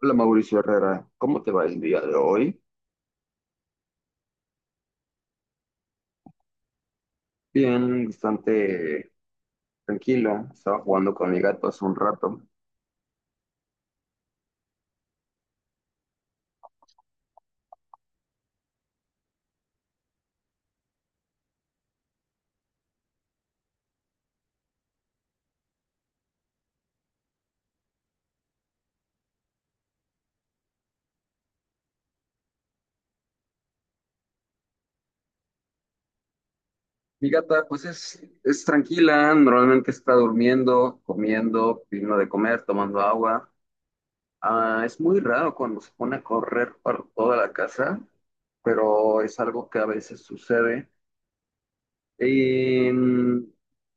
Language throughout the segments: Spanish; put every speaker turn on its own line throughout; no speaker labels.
Hola Mauricio Herrera, ¿cómo te va el día de hoy? Bien, bastante tranquilo. Estaba jugando con mi gato hace un rato. Mi gata, pues es tranquila, normalmente está durmiendo, comiendo, pidiendo de comer, tomando agua. Ah, es muy raro cuando se pone a correr por toda la casa, pero es algo que a veces sucede. Em,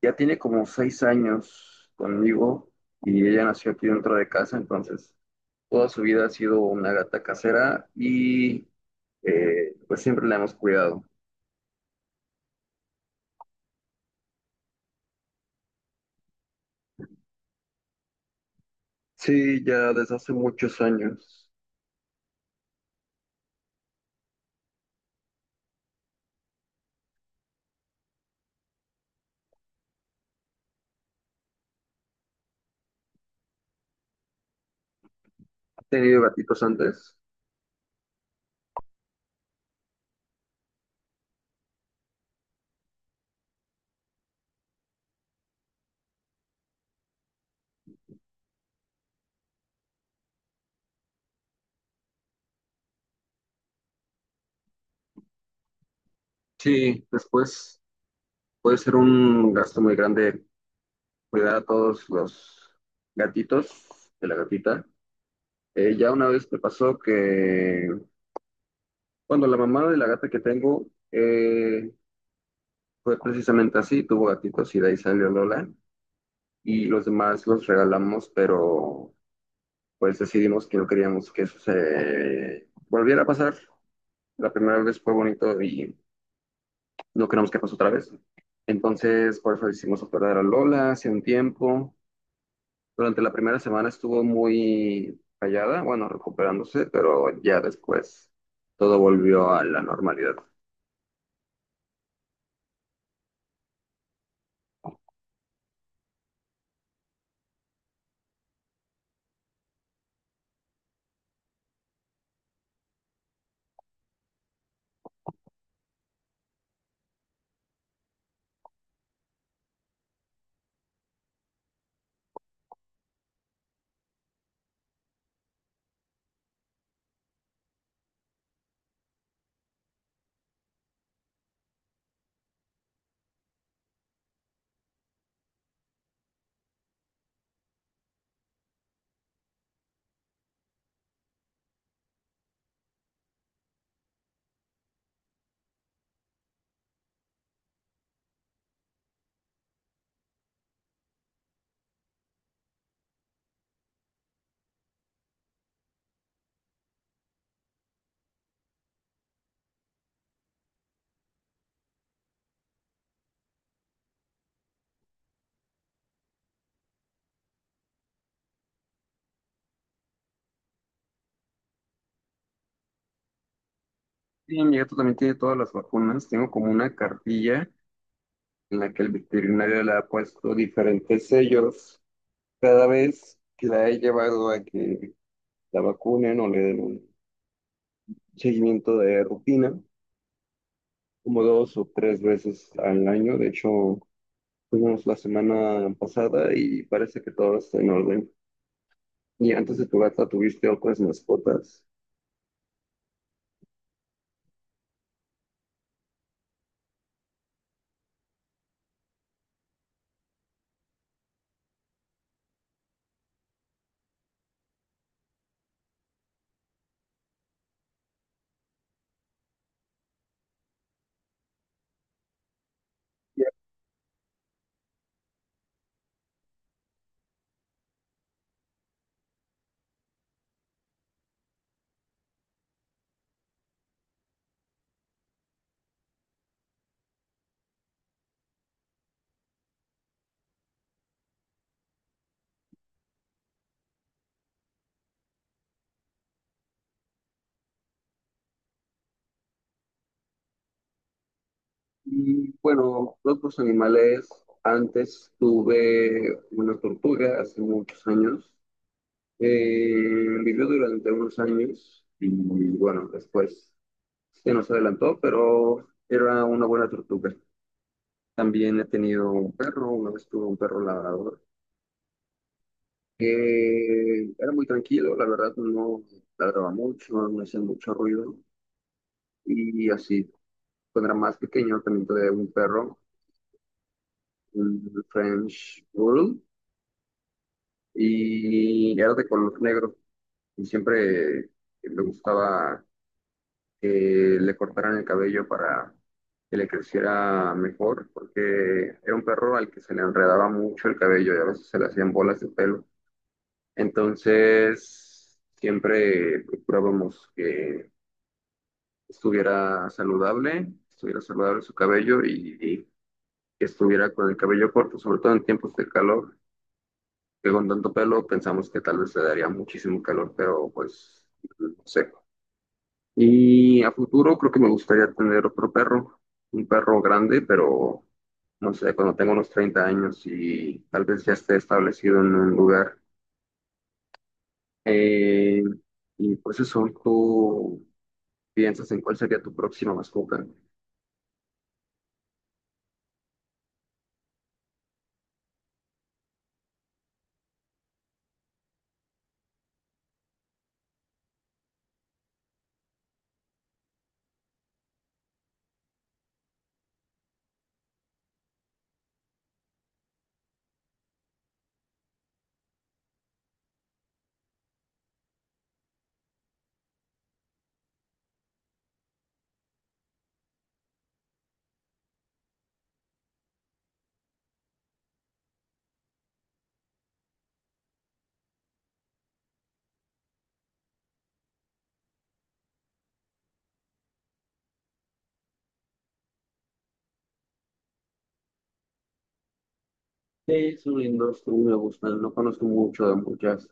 ya tiene como 6 años conmigo y ella nació aquí dentro de casa, entonces toda su vida ha sido una gata casera y pues siempre la hemos cuidado. Sí, ya desde hace muchos años. ¿Ha tenido gatitos antes? Sí, después puede ser un gasto muy grande cuidar a todos los gatitos de la gatita. Ya una vez me pasó que, cuando la mamá de la gata que tengo eh, fue precisamente así, tuvo gatitos y de ahí salió Lola y los demás los regalamos, pero pues decidimos que no queríamos que eso se volviera a pasar. La primera vez fue bonito y no queremos que pase otra vez. Entonces, por eso hicimos operar a Lola hace un tiempo. Durante la primera semana estuvo muy callada, bueno, recuperándose, pero ya después todo volvió a la normalidad. Y mi gato también tiene todas las vacunas. Tengo como una cartilla en la que el veterinario le ha puesto diferentes sellos cada vez que la he llevado a que la vacunen o le den un seguimiento de rutina, como 2 o 3 veces al año. De hecho, fuimos la semana pasada y parece que todo está en orden. Y antes de tu gata tuviste otras mascotas. Y aquí, bueno, otros animales. Antes tuve una tortuga hace muchos años. Eh, Vivió durante unos años y bueno, después se nos adelantó, pero era una buena tortuga. También he tenido un perro, una vez tuve un perro labrador, que era muy tranquilo, la verdad no ladraba mucho, no hacía mucho ruido y así. Cuando era más pequeño también tuve un perro, un French Poodle, y era de color negro y siempre me gustaba le cortaran el cabello para que le creciera mejor, porque era un perro al que se le enredaba mucho el cabello y a veces se le hacían bolas de pelo. Entonces, siempre procurábamos que estuviera saludable su cabello y que estuviera con el cabello corto, sobre todo en tiempos de calor, que con tanto pelo pensamos que tal vez le daría muchísimo calor, pero pues no sé. Y a futuro creo que me gustaría tener otro perro, un perro grande, pero no sé, cuando tenga unos 30 años y tal vez ya esté establecido en un lugar. Eh, y pues eso, ¿tú piensas en cuál sería tu próxima mascota? Sí, son lindos, a mí me gustan. No conozco mucho de muchas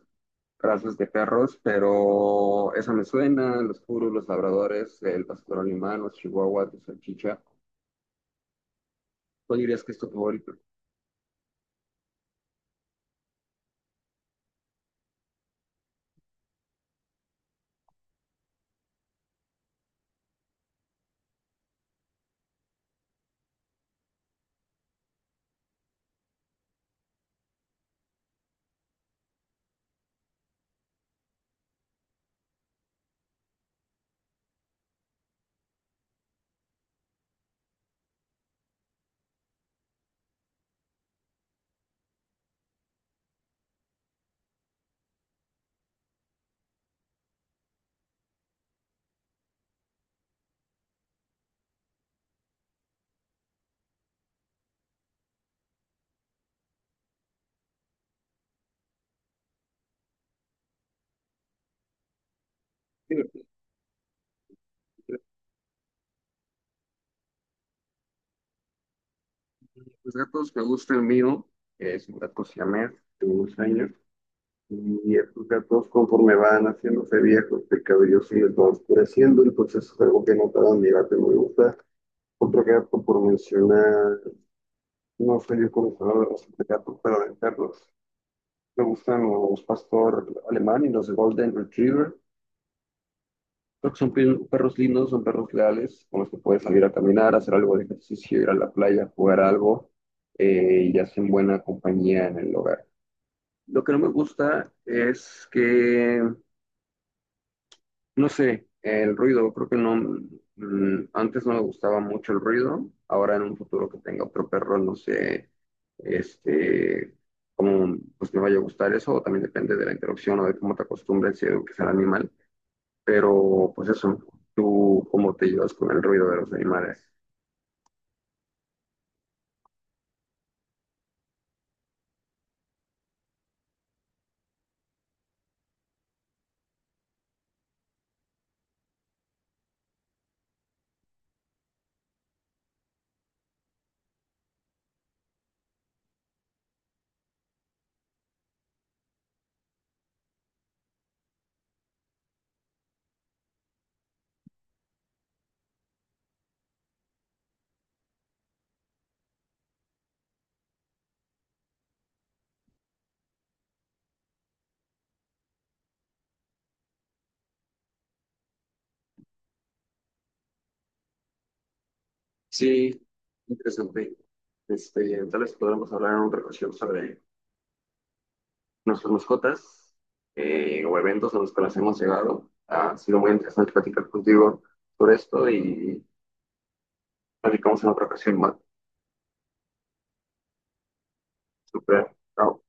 razas de perros, pero esa me suena, los puros, los labradores, el pastor alemán, los chihuahuas, los salchicha. ¿Cuál dirías que es tu favorito? Divertido. Los gatos que me gusta, el mío, es un gato siamés de unos años. Y estos gatos, conforme van haciéndose viejos, el cabello se les va oscureciendo, entonces es algo que notaba mi gato y me gusta. Otro gato, por mencionar, no soy yo conocedor de razas de gatos, pero de perros. Me gustan los pastor alemán y los golden retriever. Creo que son perros lindos, son perros leales, con los que puedes salir a caminar, hacer algo de ejercicio, ir a la playa, jugar algo, y hacen buena compañía en el hogar. Lo que no me gusta es que, no sé, el ruido, creo que no, mm, antes no me gustaba mucho el ruido, ahora en un futuro que tenga otro perro, no sé, este, cómo pues me vaya a gustar eso, o también depende de la interacción o de cómo te acostumbres y eduques al animal, pero pues eso, tú cómo te llevas con el ruido de los animales. Sí, interesante. Tal vez podremos hablar en otra ocasión sobre nuestras mascotas o eventos a los que las hemos llegado. Ha sido muy interesante platicar contigo por esto y platicamos en otra ocasión más. Super, chao.